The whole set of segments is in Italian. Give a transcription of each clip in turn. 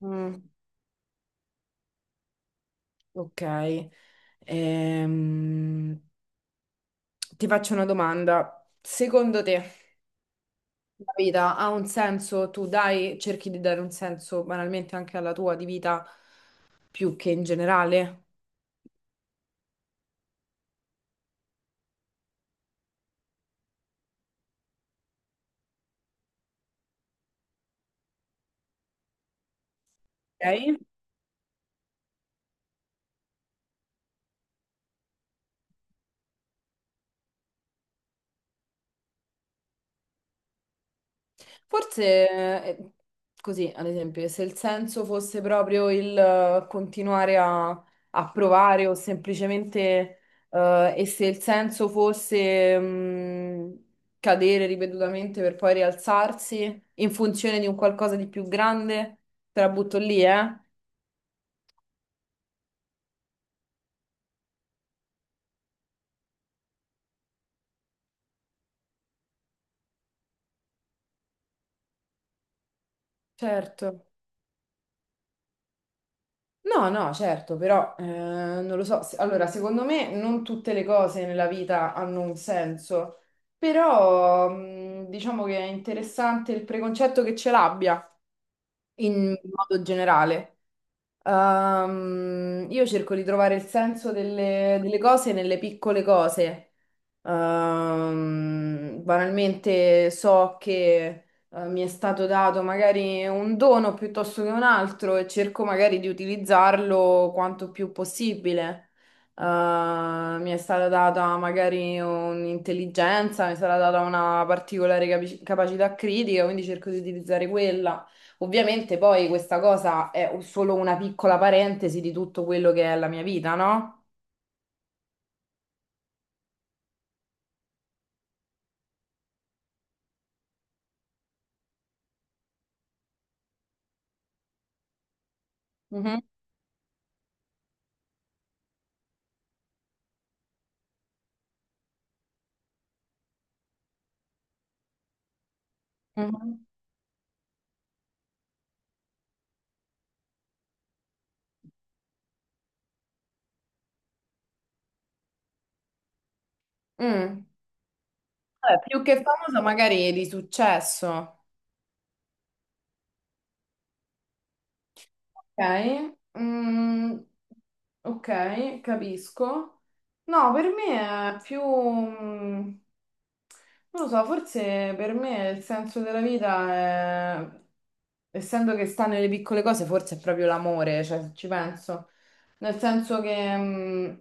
Mm, ok, Ehm, ti faccio una domanda. Secondo te la vita ha un senso? Tu dai, cerchi di dare un senso banalmente anche alla tua di vita più che in generale? Ok? Forse eh, così, ad esempio, se il senso fosse proprio il continuare a provare o semplicemente, e se il senso fosse cadere ripetutamente per poi rialzarsi in funzione di un qualcosa di più grande, te la butto lì, eh? Certo. No, no, certo, però non lo so. Allora, secondo me non tutte le cose nella vita hanno un senso, però diciamo che è interessante il preconcetto che ce l'abbia in modo generale. Io cerco di trovare il senso delle cose nelle piccole cose. Banalmente so che mi è stato dato magari un dono piuttosto che un altro e cerco magari di utilizzarlo quanto più possibile. Eh, mi è stata data magari un'intelligenza, mi è stata data una particolare capacità critica, quindi cerco di utilizzare quella. Ovviamente poi questa cosa è solo una piccola parentesi di tutto quello che è la mia vita, no? Mhm, mhm. Mm. Vabbè, più che famosa, magari di successo. Ok, mm, ok, capisco. No, per me è più, non lo so, forse per me il senso della vita è, essendo che sta nelle piccole cose, forse è proprio l'amore, cioè se ci penso. Nel senso che,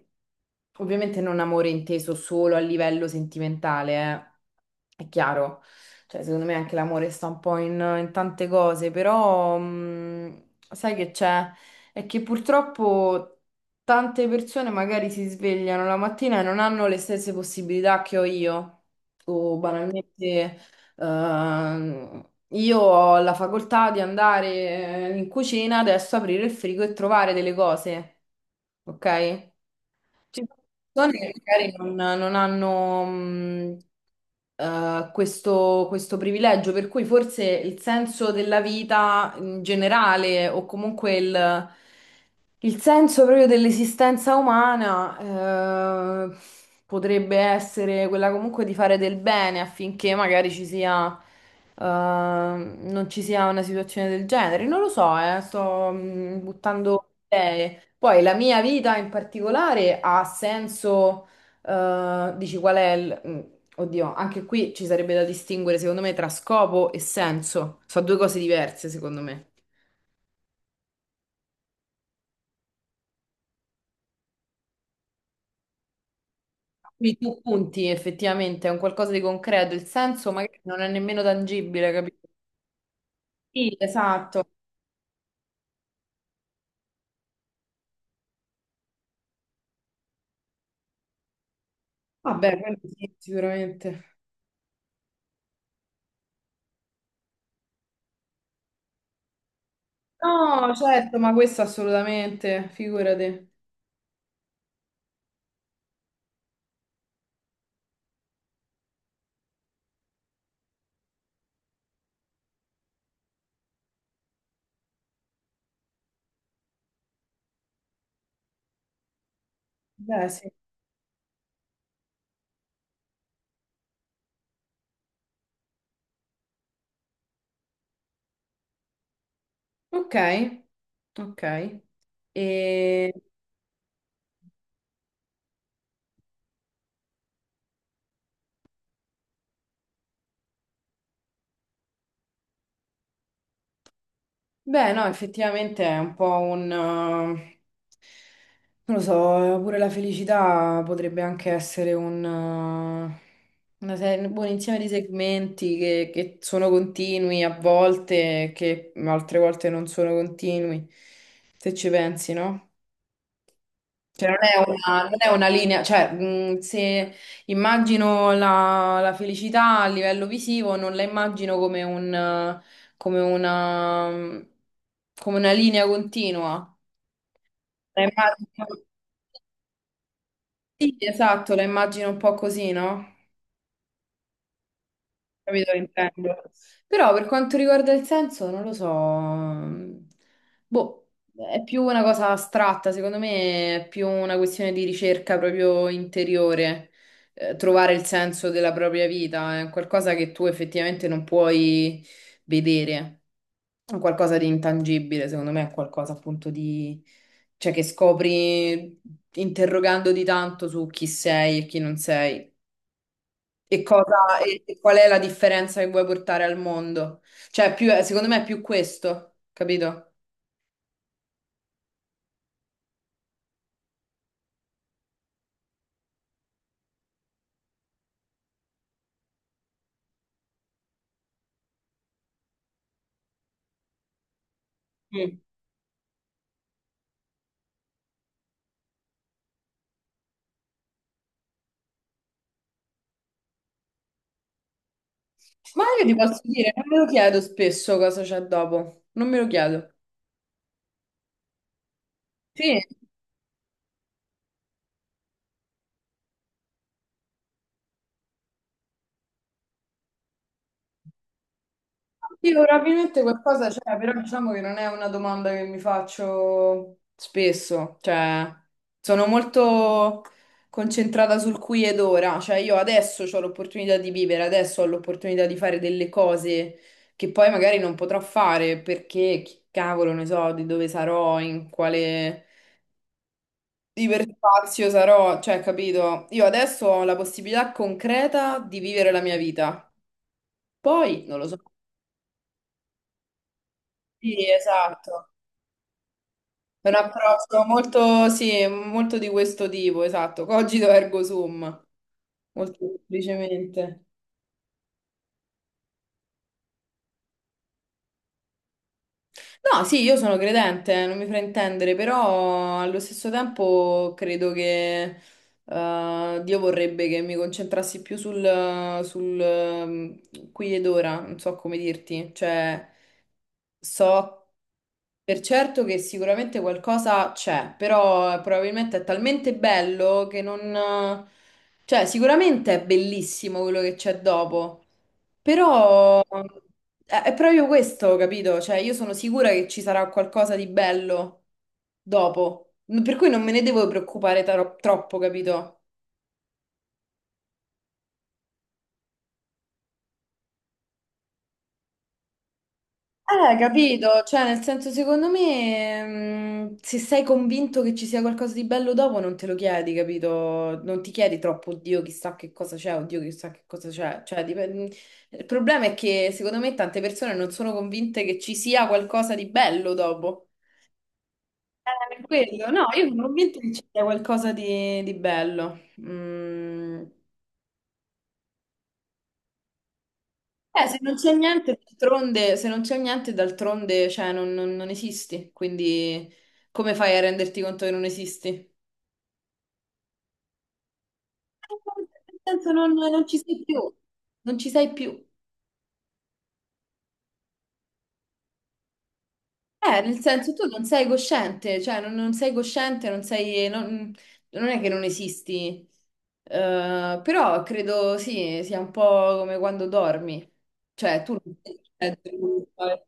ovviamente non amore inteso solo a livello sentimentale. È chiaro. Cioè, secondo me anche l'amore sta un po' in tante cose, però sai che c'è? È che purtroppo tante persone magari si svegliano la mattina e non hanno le stesse possibilità che ho io, o banalmente io ho la facoltà di andare in cucina, adesso aprire il frigo e trovare delle cose, ok? Ci sono persone che magari non hanno questo privilegio, per cui forse il senso della vita in generale o comunque il senso proprio dell'esistenza umana potrebbe essere quella comunque di fare del bene affinché magari ci sia, non ci sia una situazione del genere. Non lo so, sto buttando idee. Poi la mia vita in particolare ha senso, dici qual è il... Oddio, anche qui ci sarebbe da distinguere secondo me tra scopo e senso. Sono due cose diverse secondo me. Qui tu punti effettivamente a un qualcosa di concreto, il senso magari non è nemmeno tangibile, capito? Sì, esatto. Vabbè, quello sì, sicuramente. No, certo, ma questo assolutamente, figurati. Beh, sì. Ok, ok. E... Beh, no, effettivamente è un po' un... non lo so, pure la felicità potrebbe anche essere un buon insieme di segmenti che sono continui a volte, che altre volte non sono continui, se ci pensi, no? Cioè, non è una linea, cioè, se immagino la felicità a livello visivo, non la immagino come una, come una linea continua. La immagino, sì, esatto, la immagino un po' così, no? Capito, che intendo. Però per quanto riguarda il senso, non lo so. Boh, è più una cosa astratta, secondo me è più una questione di ricerca proprio interiore, trovare il senso della propria vita, è qualcosa che tu effettivamente non puoi vedere, è qualcosa di intangibile, secondo me è qualcosa appunto di... cioè che scopri interrogandoti tanto su chi sei e chi non sei. E qual è la differenza che vuoi portare al mondo? Cioè, più, secondo me è più questo, capito? Mm. Ma io ti posso dire, non me lo chiedo spesso cosa c'è dopo, non me lo chiedo. Sì. Sì, probabilmente qualcosa c'è, però diciamo che non è una domanda che mi faccio spesso, cioè sono molto concentrata sul qui ed ora, cioè io adesso ho l'opportunità di vivere, adesso ho l'opportunità di fare delle cose che poi magari non potrò fare perché chi cavolo ne so di dove sarò, in quale iperspazio sarò, cioè capito? Io adesso ho la possibilità concreta di vivere la mia vita, poi non lo so. Sì, esatto. È un approccio molto, sì, molto di questo tipo, esatto, cogito ergo sum, molto semplicemente. No, sì, io sono credente, non mi fraintendere, però allo stesso tempo credo che Dio vorrebbe che mi concentrassi più sul qui ed ora, non so come dirti, cioè so per certo che sicuramente qualcosa c'è, però probabilmente è talmente bello che non... Cioè, sicuramente è bellissimo quello che c'è dopo, però è proprio questo, capito? Cioè, io sono sicura che ci sarà qualcosa di bello dopo, per cui non me ne devo preoccupare troppo, capito? Capito, cioè nel senso secondo me se sei convinto che ci sia qualcosa di bello dopo non te lo chiedi, capito? Non ti chiedi troppo, oddio chissà che cosa c'è, oddio chissà che cosa c'è. Cioè. Il problema è che secondo me tante persone non sono convinte che ci sia qualcosa di bello dopo. Per quello, no, io sono convinta che ci sia di bello. Mm. Se non c'è niente, d'altronde, se non c'è niente, d'altronde, cioè, non esisti, quindi come fai a renderti conto che non esisti? Nel senso, non ci sei più, non ci sei più. Nel senso, tu non sei cosciente, cioè, non sei cosciente, non è che non esisti, però credo, sì, sia un po' come quando dormi, cioè, tu non sei cosciente di quello che fai.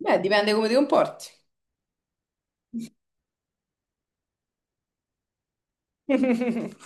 Beh, dipende come ti comporti.